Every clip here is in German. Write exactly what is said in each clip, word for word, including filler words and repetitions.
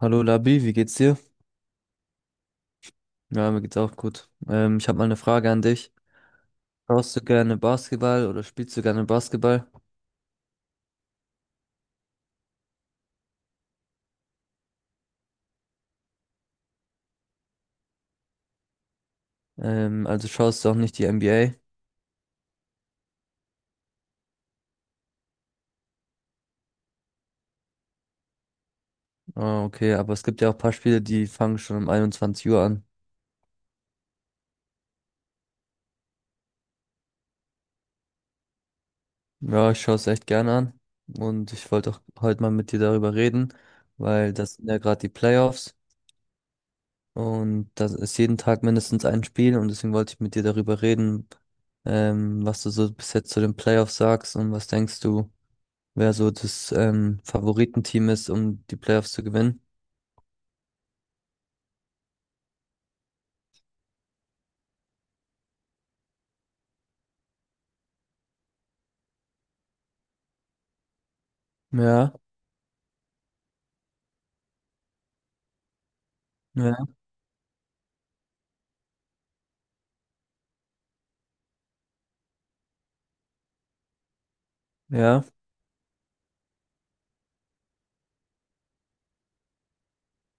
Hallo Labi, wie geht's dir? Ja, mir geht's auch gut. Ähm, ich habe mal eine Frage an dich. Schaust du gerne Basketball oder spielst du gerne Basketball? Ähm, also schaust du auch nicht die N B A? Ah, okay, aber es gibt ja auch ein paar Spiele, die fangen schon um 21 Uhr an. Ja, ich schaue es echt gerne an und ich wollte auch heute mal mit dir darüber reden, weil das sind ja gerade die Playoffs und das ist jeden Tag mindestens ein Spiel und deswegen wollte ich mit dir darüber reden, ähm, was du so bis jetzt zu den Playoffs sagst und was denkst du, wer so das ähm, Favoritenteam ist, um die Playoffs zu gewinnen. Ja, ja, ja,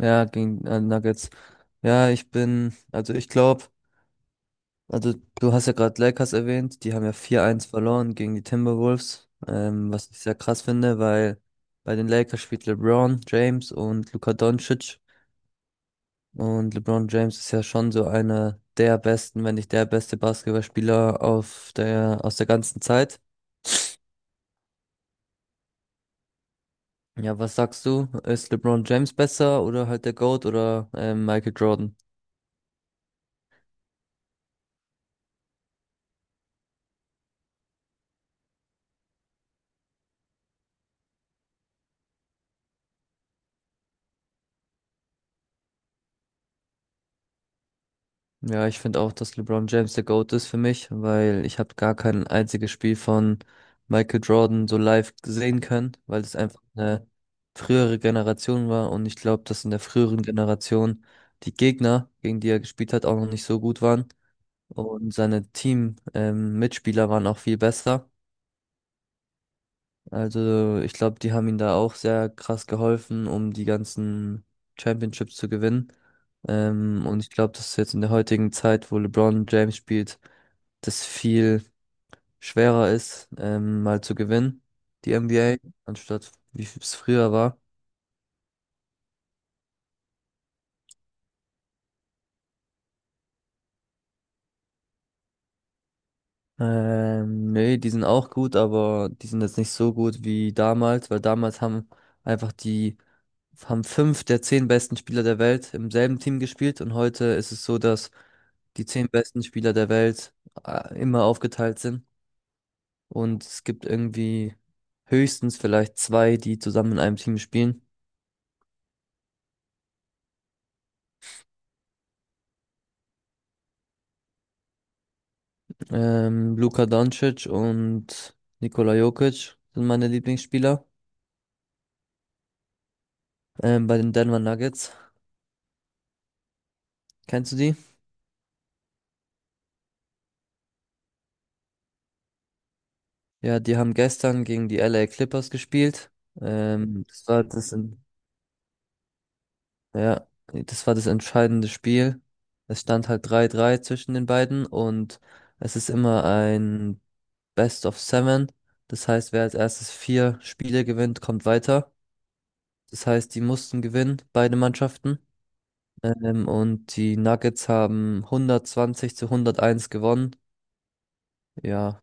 ja, gegen äh, Nuggets. Ja, ich bin, also ich glaube, also du hast ja gerade Lakers erwähnt, die haben ja vier eins verloren gegen die Timberwolves, ähm, was ich sehr krass finde, weil bei den Lakers spielt LeBron James und Luka Doncic und LeBron James ist ja schon so einer der besten, wenn nicht der beste Basketballspieler auf der, aus der ganzen Zeit. Ja, was sagst du? Ist LeBron James besser oder halt der GOAT oder ähm, Michael Jordan? Ja, ich finde auch, dass LeBron James der GOAT ist für mich, weil ich habe gar kein einziges Spiel von Michael Jordan so live sehen können, weil es einfach eine frühere Generation war und ich glaube, dass in der früheren Generation die Gegner, gegen die er gespielt hat, auch noch nicht so gut waren und seine Team-Mitspieler waren auch viel besser. Also, ich glaube, die haben ihm da auch sehr krass geholfen, um die ganzen Championships zu gewinnen. Ähm, und ich glaube, dass jetzt in der heutigen Zeit, wo LeBron James spielt, das viel schwerer ist, ähm, mal zu gewinnen, die N B A, anstatt wie es früher war. Ähm, nee, die sind auch gut, aber die sind jetzt nicht so gut wie damals, weil damals haben einfach die, haben fünf der zehn besten Spieler der Welt im selben Team gespielt und heute ist es so, dass die zehn besten Spieler der Welt äh, immer aufgeteilt sind und es gibt irgendwie höchstens vielleicht zwei, die zusammen in einem Team spielen. Ähm, Luka Doncic und Nikola Jokic sind meine Lieblingsspieler, ähm, bei den Denver Nuggets. Kennst du die? Ja, die haben gestern gegen die L A Clippers gespielt. Ähm, das war das, en- ja, das war das entscheidende Spiel. Es stand halt drei drei zwischen den beiden und es ist immer ein Best of Seven. Das heißt, wer als erstes vier Spiele gewinnt, kommt weiter. Das heißt, die mussten gewinnen, beide Mannschaften. Ähm, und die Nuggets haben hundertzwanzig zu hunderteins gewonnen. Ja,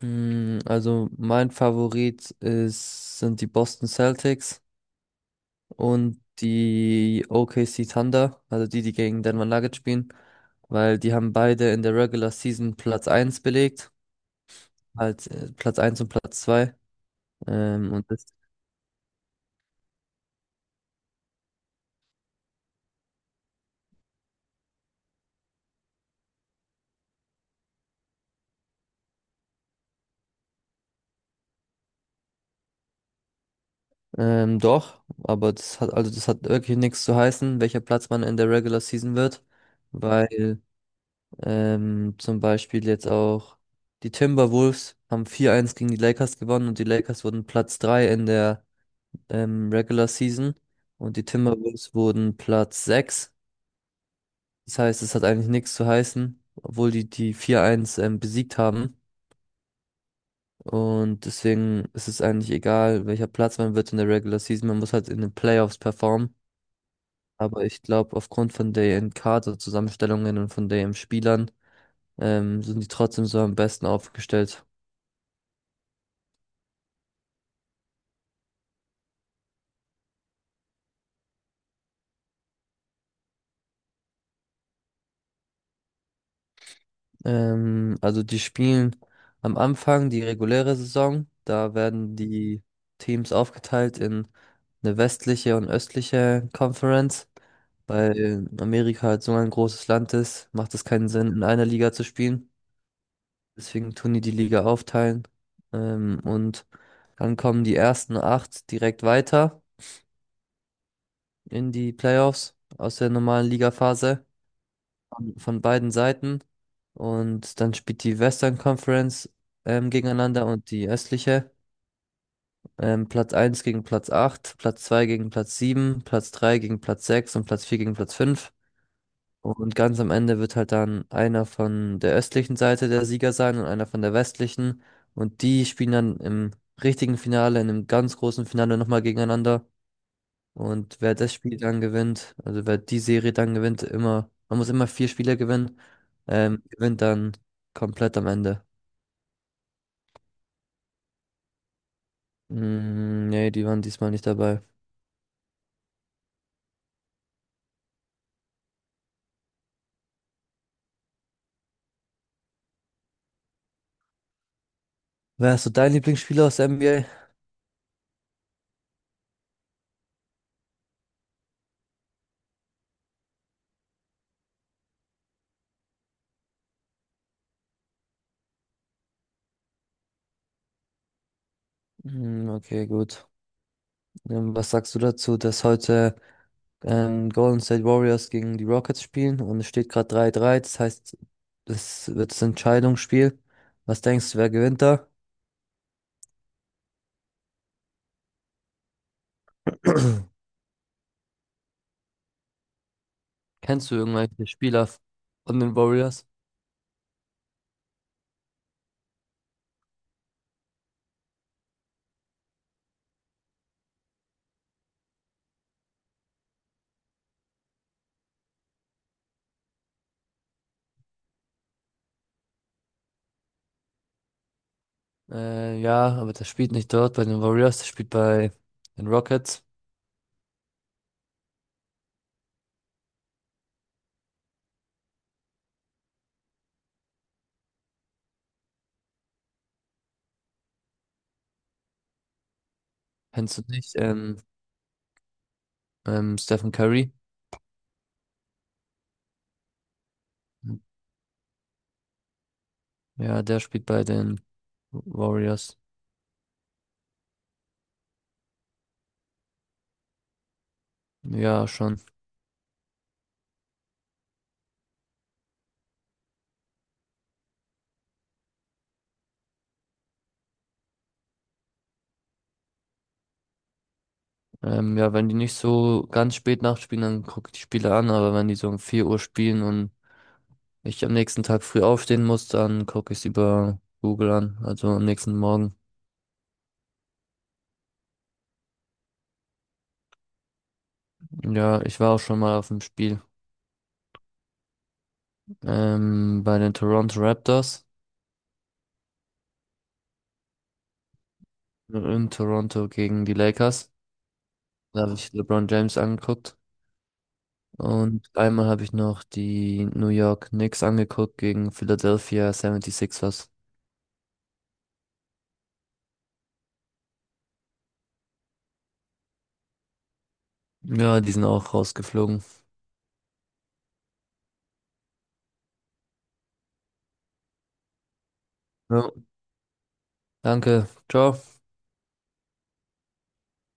mm, also mein Favorit ist, sind die Boston Celtics und die O K C Thunder, also die, die gegen Denver Nuggets spielen, weil die haben beide in der Regular Season Platz eins belegt, halt äh, Platz eins und Platz zwei. Ähm, und das, ähm, doch, aber das hat, also das hat wirklich nichts zu heißen, welcher Platz man in der Regular Season wird, weil ähm, zum Beispiel jetzt auch die Timberwolves haben vier eins gegen die Lakers gewonnen und die Lakers wurden Platz drei in der ähm, Regular Season und die Timberwolves wurden Platz sechs. Das heißt, es hat eigentlich nichts zu heißen, obwohl die die vier eins ähm, besiegt haben. Und deswegen ist es eigentlich egal, welcher Platz man wird in der Regular Season. Man muss halt in den Playoffs performen. Aber ich glaube, aufgrund von deren Kaderzusammenstellungen und von deren Spielern ähm, sind die trotzdem so am besten aufgestellt. Ähm, also die spielen am Anfang die reguläre Saison. Da werden die Teams aufgeteilt in eine westliche und östliche Conference. Weil Amerika halt so ein großes Land ist, macht es keinen Sinn, in einer Liga zu spielen. Deswegen tun die die Liga aufteilen. Ähm, und dann kommen die ersten acht direkt weiter in die Playoffs aus der normalen Ligaphase, von von beiden Seiten. Und dann spielt die Western Conference ähm, gegeneinander und die östliche. Ähm, Platz eins gegen Platz acht, Platz zwei gegen Platz sieben, Platz drei gegen Platz sechs und Platz vier gegen Platz fünf. Und ganz am Ende wird halt dann einer von der östlichen Seite der Sieger sein und einer von der westlichen. Und die spielen dann im richtigen Finale, in einem ganz großen Finale nochmal gegeneinander. Und wer das Spiel dann gewinnt, also wer die Serie dann gewinnt, immer, man muss immer vier Spiele gewinnen, ähm, gewinnt dann komplett am Ende. Mm, nee, die waren diesmal nicht dabei. Wer ist so dein Lieblingsspieler aus der N B A? Mm, okay, gut. Ähm, was sagst du dazu, dass heute ähm, Golden State Warriors gegen die Rockets spielen und es steht gerade drei drei, das heißt, das wird das Entscheidungsspiel. Was denkst du, wer gewinnt da? Kennst du irgendwelche Spieler von den Warriors? Äh, ja, aber der spielt nicht dort bei den Warriors, der spielt bei den Rockets. Kennst du nicht? Ähm, ähm, Stephen Curry. Ja, der spielt bei den Warriors. Ja, schon. Ähm, ja, wenn die nicht so ganz spät nachspielen, dann gucke ich die Spiele an, aber wenn die so um vier Uhr spielen und ich am nächsten Tag früh aufstehen muss, dann gucke ich es über Google an, also am nächsten Morgen. Ja, ich war auch schon mal auf dem Spiel ähm, bei den Toronto Raptors in Toronto gegen die Lakers. Da habe ich LeBron James angeguckt. Und einmal habe ich noch die New York Knicks angeguckt gegen Philadelphia sechsundsiebziger. Ja, die sind auch rausgeflogen. Ja. Danke. Ciao.